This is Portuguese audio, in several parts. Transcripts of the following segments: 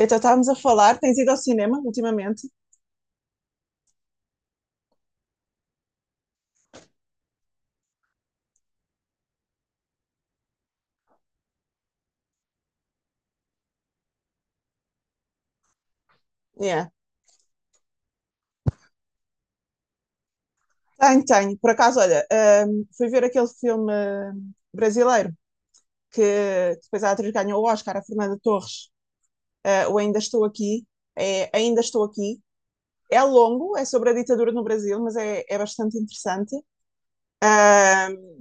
Então estávamos a falar, tens ido ao cinema ultimamente? Yeah. Tenho, tenho. Por acaso, olha, fui ver aquele filme brasileiro que depois a atriz ganhou o Oscar, a Fernanda Torres, o Ainda Estou Aqui. É, Ainda Estou Aqui. É longo, é sobre a ditadura no Brasil, mas é bastante interessante. Ahm,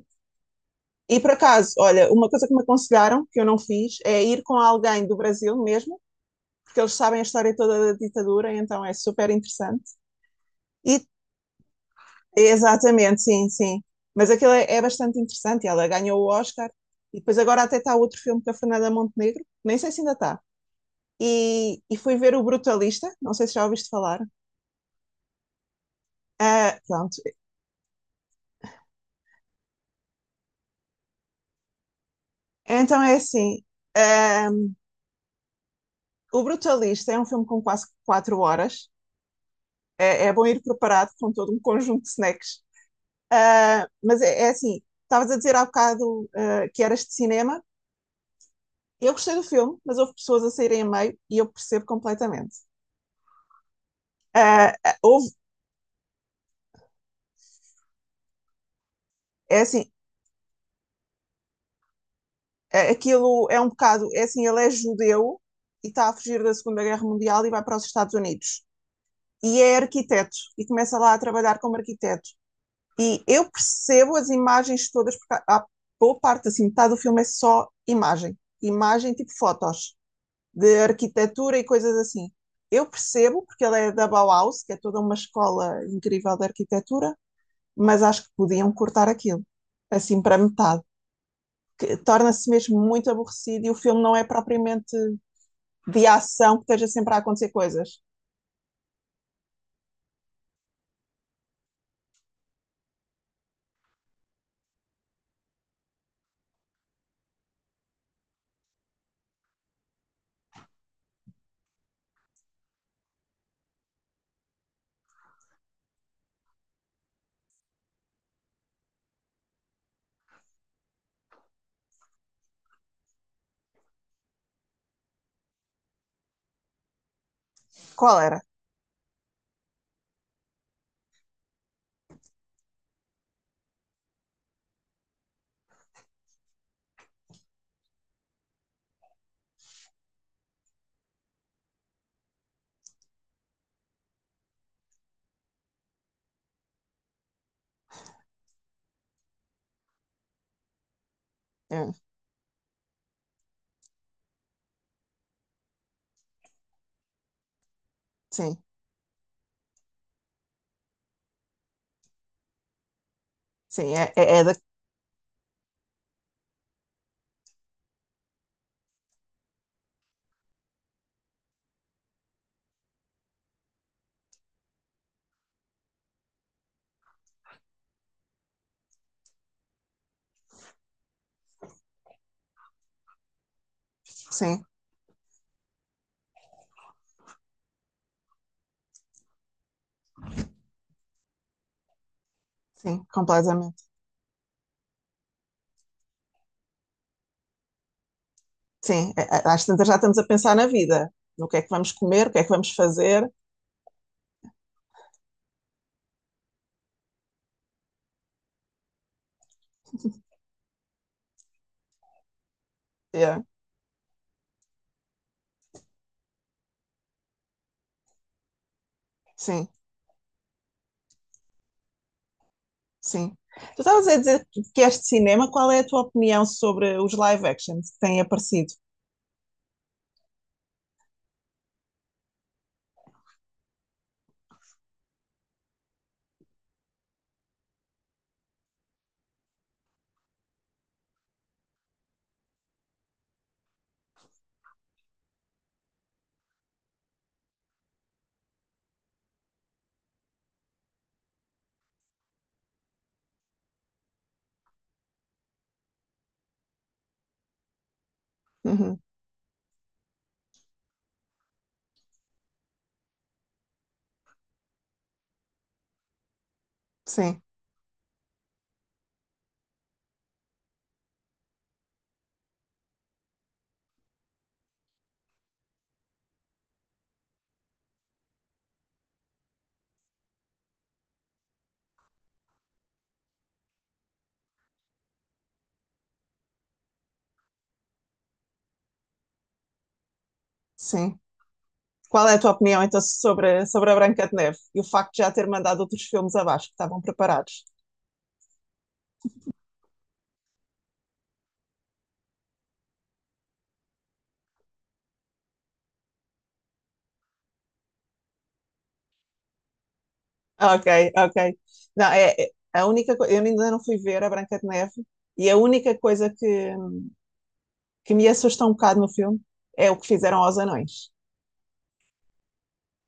e por acaso, olha, uma coisa que me aconselharam, que eu não fiz, é ir com alguém do Brasil mesmo, porque eles sabem a história toda da ditadura, então é super interessante. E exatamente, sim, sim. Mas aquilo é bastante interessante. Ela ganhou o Oscar e depois agora até está outro filme com a Fernanda Montenegro, nem sei se ainda está. E fui ver o Brutalista, não sei se já ouviste falar. Ah, pronto. Então é assim: ah, o Brutalista é um filme com quase 4 horas. É bom ir preparado com todo um conjunto de snacks. Ah, mas é assim: estavas a dizer há bocado que eras de cinema. Eu gostei do filme, mas houve pessoas a saírem a meio e eu percebo completamente. Ah, ah, houve. É assim, aquilo é um bocado, é assim, ele é judeu e está a fugir da Segunda Guerra Mundial e vai para os Estados Unidos. E é arquiteto e começa lá a trabalhar como arquiteto. E eu percebo as imagens todas, porque há boa parte, assim, metade do filme é só imagem. Imagem tipo fotos de arquitetura e coisas assim. Eu percebo, porque ele é da Bauhaus, que é toda uma escola incrível de arquitetura, mas acho que podiam cortar aquilo, assim, para metade. Que torna-se mesmo muito aborrecido e o filme não é propriamente de ação que esteja sempre a acontecer coisas. Qual era? É, sim, sim, é da, sim, sim, completamente. Sim, é, às tantas já estamos a pensar na vida, no que é que vamos comer, o que é que vamos fazer. É, sim, sim. Tu estavas a dizer que és de cinema, qual é a tua opinião sobre os live actions que têm aparecido? Uhum. Sim, sim. Qual é a tua opinião então sobre, sobre a Branca de Neve e o facto de já ter mandado outros filmes abaixo que estavam preparados? Ok, ok. Não, é- a única coisa, eu ainda não fui ver a Branca de Neve e a única coisa que me assusta um bocado no filme é o que fizeram aos anões.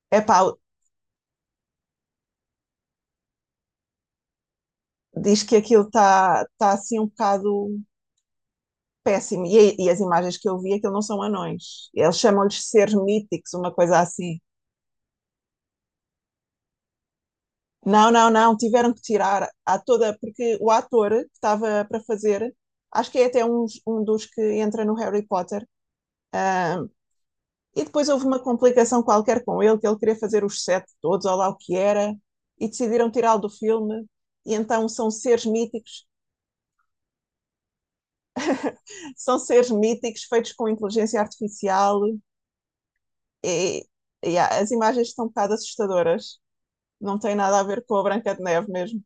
Epá, diz que aquilo está tá, assim um bocado péssimo e as imagens que eu vi, aquilo não são anões. Eles chamam-lhes seres míticos, uma coisa assim. Não, não, não, tiveram que tirar a toda, porque o ator que estava para fazer, acho que é até um dos que entra no Harry Potter, e depois houve uma complicação qualquer com ele, que ele queria fazer os sete todos, ou lá o que era, e decidiram tirá-lo do filme, e então são seres míticos feitos com inteligência artificial, e, a- as imagens estão um bocado assustadoras, não tem nada a ver com a Branca de Neve mesmo.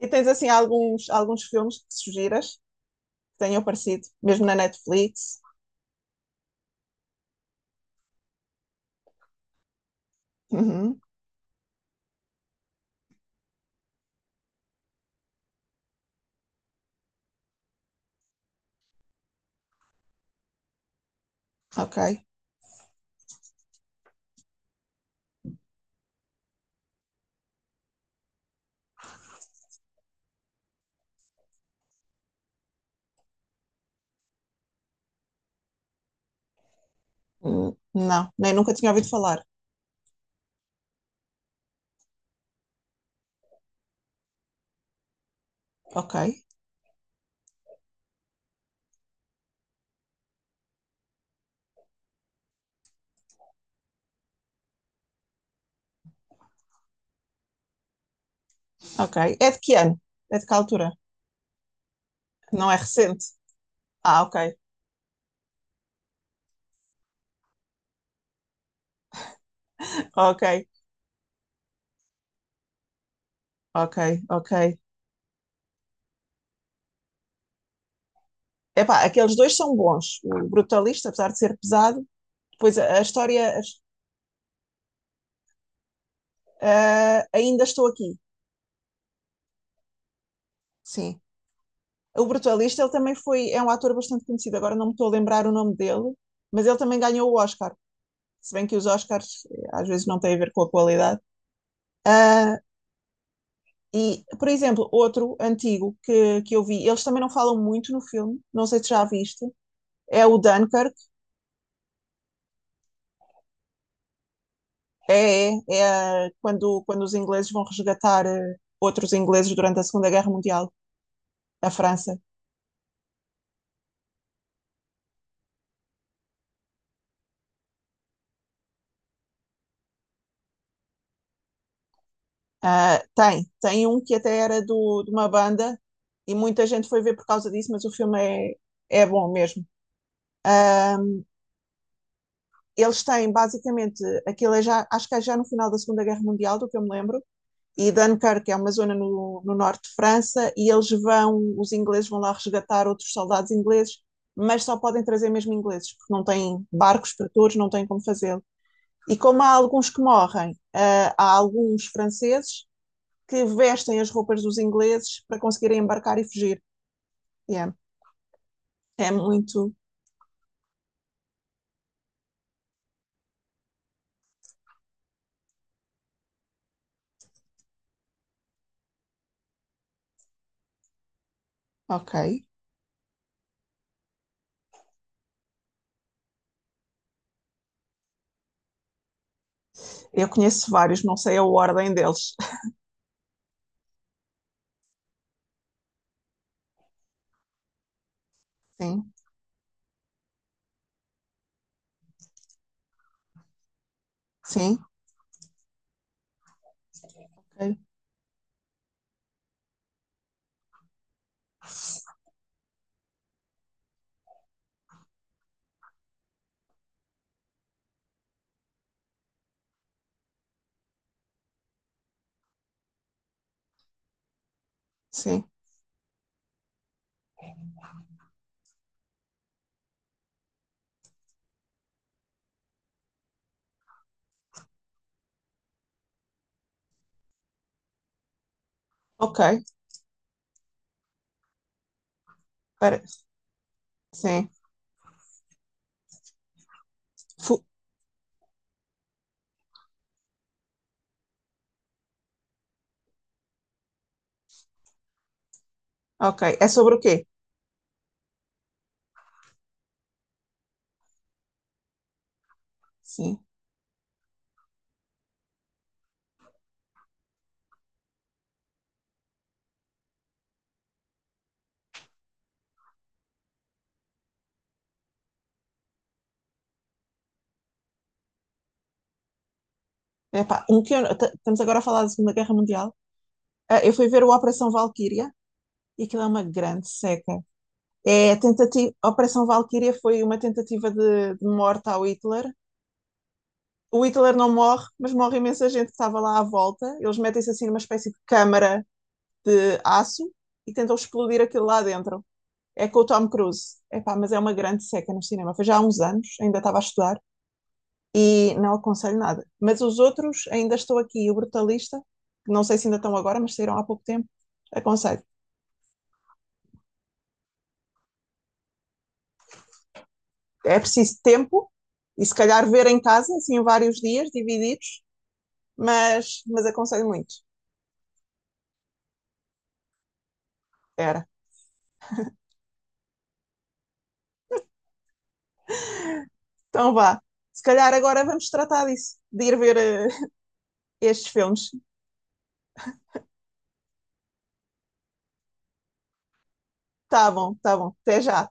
E tens assim alguns filmes que sugiras? Tenham aparecido, mesmo na Netflix. Uhum, ok. Hum. Não, nem nunca tinha ouvido falar. Ok, ok. É de que ano? É de que altura? Não é recente? Ah, ok, ok, ok, ok. Epá, aqueles dois são bons. O Brutalista, apesar de ser pesado, depois a história. A- a- ainda estou aqui. Sim. O Brutalista, ele também foi. É um ator bastante conhecido, agora não me estou a lembrar o nome dele, mas ele também ganhou o Oscar. Se bem que os Oscars às vezes não têm a ver com a qualidade. Ah, e, por exemplo, outro antigo que eu vi, eles também não falam muito no filme, não sei se já viste, é o Dunkirk, é quando, quando os ingleses vão resgatar outros ingleses durante a Segunda Guerra Mundial, a França. Ah, tem, tem um que até era do, de uma banda e muita gente foi ver por causa disso, mas o filme é bom mesmo. Ah, eles têm basicamente, aquilo é já, acho que é já no final da Segunda Guerra Mundial, do que eu me lembro, e Dunkirk é uma zona no norte de França e eles vão, os ingleses vão lá resgatar outros soldados ingleses, mas só podem trazer mesmo ingleses, porque não têm barcos para todos, não têm como fazê-lo. E como há alguns que morrem, há alguns franceses que vestem as roupas dos ingleses para conseguirem embarcar e fugir. Yeah. É muito. Ok. Eu conheço vários, não sei a ordem deles. Sim, sim, ok. Sim, ok. Para... Sim. Fu... Ok. É sobre o quê? Sim. Epá, um que estamos agora a falar da Segunda Guerra Mundial. Ah, eu fui ver o Operação Valquíria e aquilo é uma grande seca. É a tentativa, a Operação Valquíria foi uma tentativa de morte ao Hitler. O Hitler não morre, mas morre imensa gente que estava lá à volta. Eles metem-se assim numa espécie de câmara de aço e tentam explodir aquilo lá dentro. É com o Tom Cruise. Epá, mas é uma grande seca no cinema. Foi já há uns anos, ainda estava a estudar. E não aconselho nada. Mas os outros, ainda estou aqui, o Brutalista, que não sei se ainda estão agora, mas saíram há pouco tempo, aconselho. É preciso tempo e se calhar ver em casa, assim, vários dias divididos, mas aconselho muito. Era. Então vá. Se calhar agora vamos tratar disso, de ir ver estes filmes. Tá bom, tá bom. Até já.